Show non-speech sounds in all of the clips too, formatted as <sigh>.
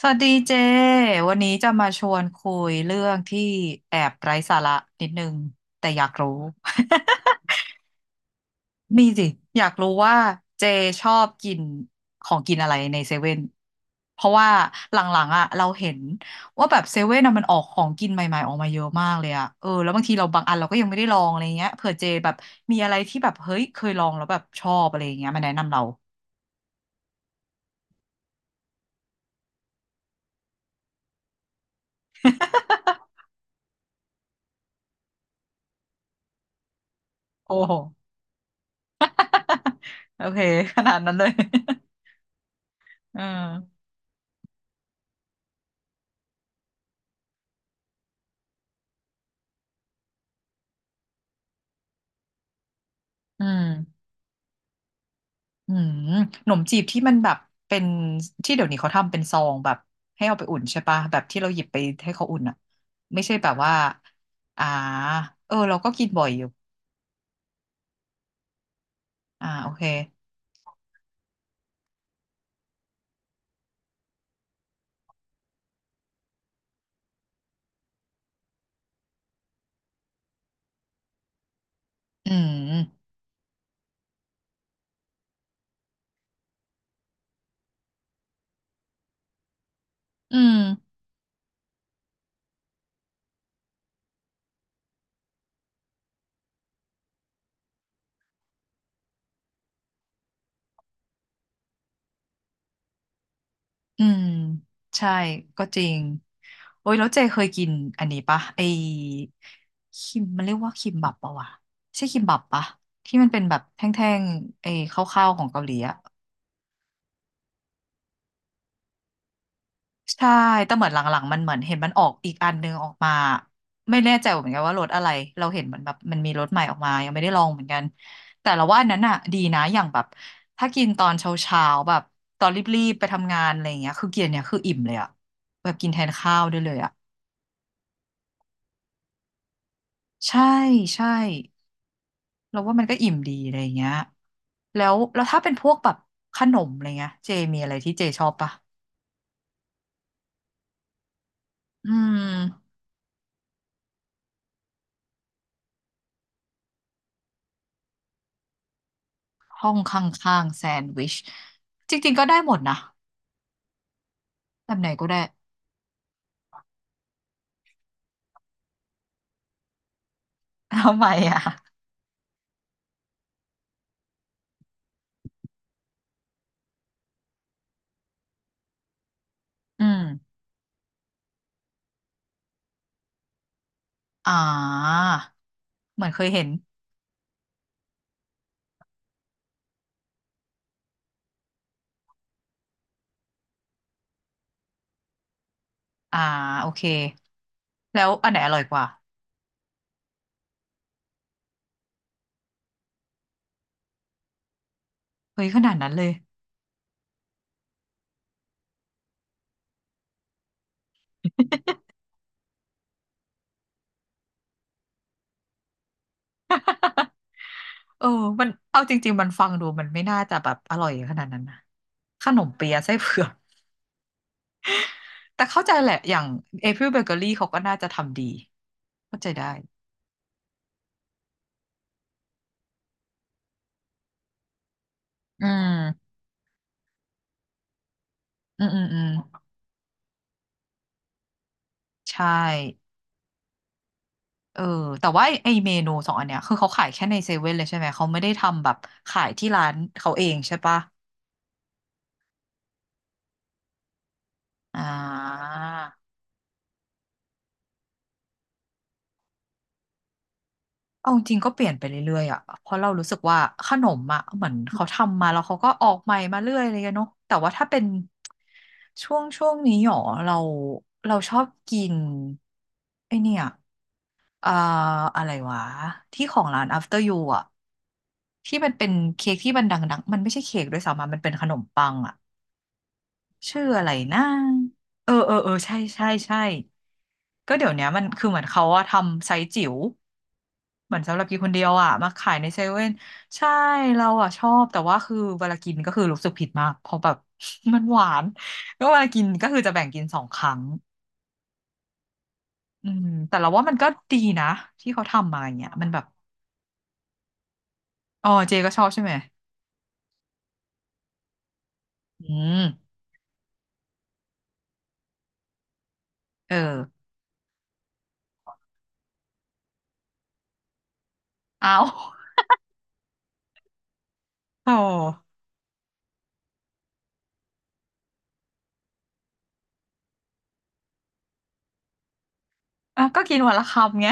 สวัสดีเจวันนี้จะมาชวนคุยเรื่องที่แอบไร้สาระนิดนึงแต่อยากรู้ <laughs> มีสิอยากรู้ว่าเจชอบกินของกินอะไรในเซเว่นเพราะว่าหลังๆอ่ะเราเห็นว่าแบบเซเว่นอะมันออกของกินใหม่ๆออกมาเยอะมากเลยอ่ะเออแล้วบางทีเราบางอันเราก็ยังไม่ได้ลองอะไรเงี้ยเผื่อเจแบบมีอะไรที่แบบเฮ้ยเคยลองแล้วแบบชอบอะไรเงี้ยมาแนะนำเรา <laughs> โอ้โหโอเคขนาดนั้นเลย <laughs> อืมอืม อืมหนมจีบที่มันแบบเป็นที่เดี๋ยวนี้เขาทำเป็นซองแบบให้เอาไปอุ่นใช่ปะแบบที่เราหยิบไปให้เขาอุ่นอ่ะไม่ใช่แบบว่าอ่าเออเราก็กินบ่อยอยู่อ่าโอเคอืมอืมอืมใช่ก็จริงโอ้ยแล้วเจเคยกินอันนี้ปะไอคิมมันเรียกว่าคิมบับปะวะใช่คิมบับปะที่มันเป็นแบบแท่งๆไอข้าวๆของเกาหลีอะ ใช่ แต่เหมือนหลังๆมันเหมือนเห็นมันออกอีกอันนึงออกมาไม่แน่ใจเหมือนกันว่ารถอะไรเราเห็นเหมือนแบบมันมีรถใหม่ออกมายังไม่ได้ลองเหมือนกันแต่เราว่าอันนั้นอ่ะดีนะอย่างแบบถ้ากินตอนเช้าๆแบบตอนรีบๆไปทำงานอะไรอย่างเงี้ยคือกินเนี่ยคืออิ่มเลยอ่ะแบบกินแทนข้าวได้เลยอ่ะใช่ใช่เราว่ามันก็อิ่มดีอะไรอย่างเงี้ยแล้วถ้าเป็นพวกแบบขนมอะไรเงี้ยเจมีอะไรที่เจชอบปะอืมห้องข้างๆแซนด์วิชจริงๆก็ได้หมดนะ แบบไหนก็ได้ <laughs> ทำไมอ่ะ อืม อ่า เหมือนเคยเห็น อ่าโอเค แล้วอันไหนอร่อยกว่า เฮ้ยขนาดนั้นเลย <laughs> เออมันเอาจริงๆมันฟังดูมันไม่น่าจะแบบอร่อยขนาดนั้นนะขนมเปี๊ยะไส้เผือก <laughs> แต่เข้าใจแหละ อย่างเอพิลเบเกอรี่เขาก็น่าจะทำดีเข้าใจได้ อืมอืมใช่เออแต่ว่าไอ้เมนูสองอันเนี้ยคือเขาขายแค่ในเซเว่นเลยใช่ไหมเขาไม่ได้ทำแบบขายที่ร้านเขาเองใช่ปะ อ่าเอาจริงก็เปลี่ยนไปเรื่อยๆอ่ะ เพราะเรารู้สึกว่าขนมอ่ะเหมือนเขาทำมาแล้วเขาก็ออกใหม่มาเรื่อยเลยอะเนาะแต่ว่าถ้าเป็นช่วงนี้หรอเราเราชอบกินไอเนี่ยอ่าอะไรวะที่ของร้าน After You อ่ะที่มันเป็นเค้กที่มันดังๆมันไม่ใช่เค้กด้วยซ้ำอะมันเป็นขนมปังอ่ะ ชื่ออะไรนะเออใช่ใช่ใช่ก็เดี๋ยวเนี้ยมันคือเหมือนเขาอะทำไซส์จิ๋วเหมือนสำหรับกินคนเดียวอะมาขายในเซเว่นใช่เราอะชอบแต่ว่าคือเวลากินก็คือรู้สึกผิดมากเพราะแบบ <laughs> มันหวานก็เวลากินก็คือจะแบ่งกินสองครั้งอืมแต่เราว่ามันก็ดีนะที่เขาทำมาอย่างเงี้ยมันแบบอ๋อเจก็ชอบใช่ไหมอืมเออเอา <laughs> โอ้อ่ะก็กินวันละคำไง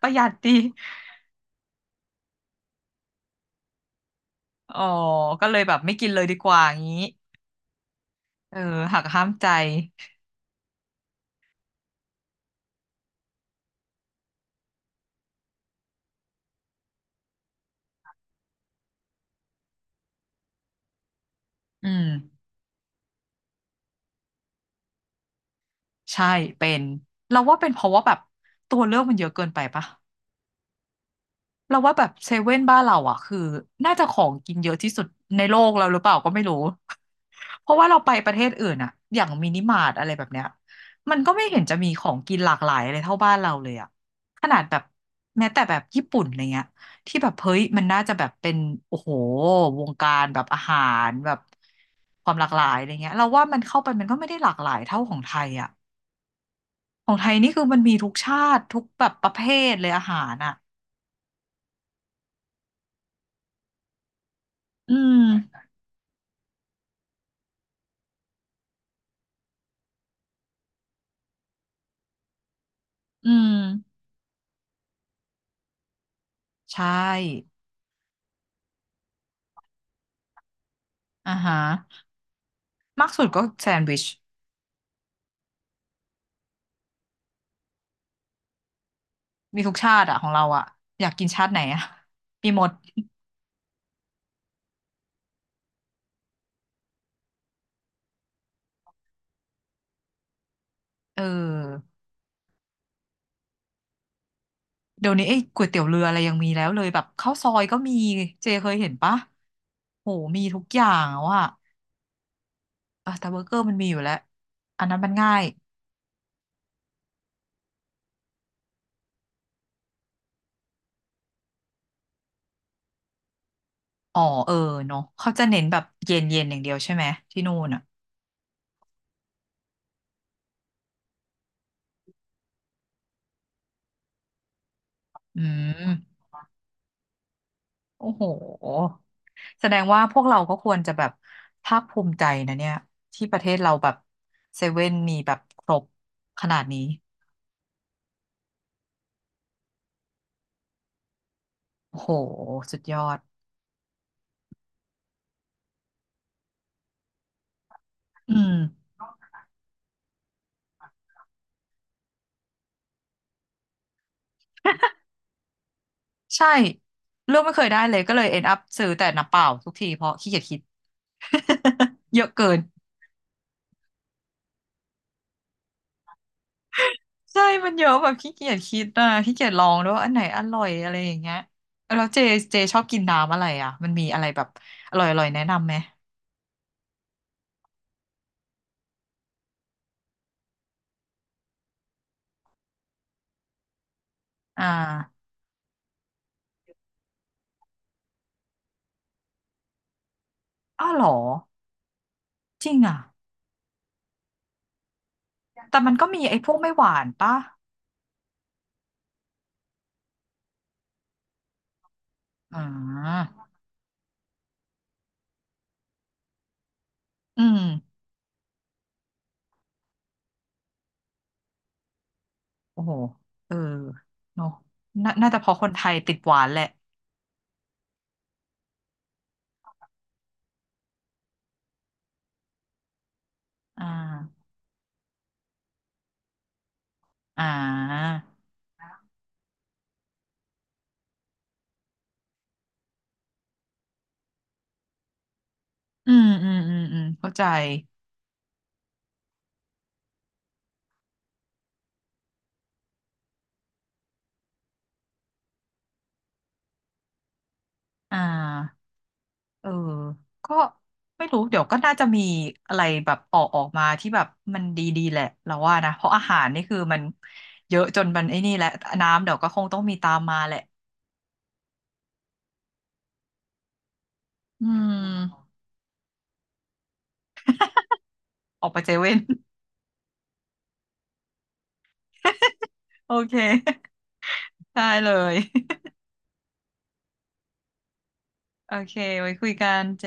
ประหยัดดี อ๋อ ก็เลยแบบไม่กินเลยดีกว่างี้เออหักห้ามใจอืมใช่เป็นเราว่าเป็นเพราะว่าแบบตัวเลือกมันเยอะเกินไปปะ เราว่าแบบเซเว่นบ้านเราอ่ะคือน่าจะของกินเยอะที่สุดในโลกเราหรือเปล่าก็ไม่รู้ <laughs> เพราะว่าเราไปประเทศอื่นอ่ะอย่างมินิมาร์ทอะไรแบบเนี้ยมันก็ไม่เห็นจะมีของกินหลากหลายอะไรเท่าบ้านเราเลยอ่ะขนาดแบบแม้แต่แบบญี่ปุ่นอะไรเงี้ยที่แบบเฮ้ยมันน่าจะแบบเป็นโอ้โหวงการแบบอาหารแบบความหลากหลายอะไรเงี้ยเราว่ามันเข้าไปมันก็ไม่ได้หลากหลายเท่าของไทยอ่ะของไทยนี่คือมันมีทุกชาติทุกแบบประเภทเลยอาหารอ่ะอืมอืม ใช่อ่าฮะมากสุดก็แซนด์วิชมีทุกชาติอะของเราอะอยากกินชาติไหนอะมีหมดเออเดี๋ยวนี้ไอ้ก๋วยเตี๋ยวเรืออะไรยังมีแล้วเลยแบบข้าวซอยก็มีเจเคยเห็นปะโหมีทุกอย่างอะว่ะเออแต่เบอร์เกอร์มันมีอยู่แล้วอันนั้นมันง่ายอ๋อเออเนาะเขาจะเน้นแบบเย็นเย็นอย่างเดียวใช่ไหมที่นู่นอะอืมโอ้โห แสดงว่าพวกเราก็ควรจะแบบภาคภูมิใจนะเนี่ยที่ประเทศเราแบบเซเว่นมีแบบครบขนาดนี้โอ้โหสุดยอดอืมใช่เลือกไม่เคยได้เลยก็เลย end up ซื้อแต่น้ำเปล่าทุกทีเพราะขี้เกียจคิด <laughs> เยอะเกินใช่มันเยอะแบบขี้เกียจคิดอ่ะขี้เกียจลองด้วยว่าอันไหนอร่อยอะไรอย่างเงี้ยแล้วเจชอบกินน้ำอะไรอ่ะมันมีอะไรแบบอร่อยๆแนะนำไหมอ่าอ้าวเหรอจริงอ่ะ แต่มันก็มีไอ้พวกไม่หวานป่ะอ่าอืมโอ้โหเออเนอะน่าจะเพอคนไทยติดหวานแหละอ่าอ่าอืมเข้าใจอ่าเออก็ไม่รู้ เดี๋ยวก็น่าจะมีอะไรแบบออกมาที่แบบมันดีๆแหละเราว่านะ เพราะอาหารนี่คือมันเยอะจนมันไอ้นี่แหละน้ำเดี๋ยวก็คงต้องมีตามมาแหละอืมออกไปเซเว่น <laughs> โอเคได้เลย โอเคไว้คุยกันเจ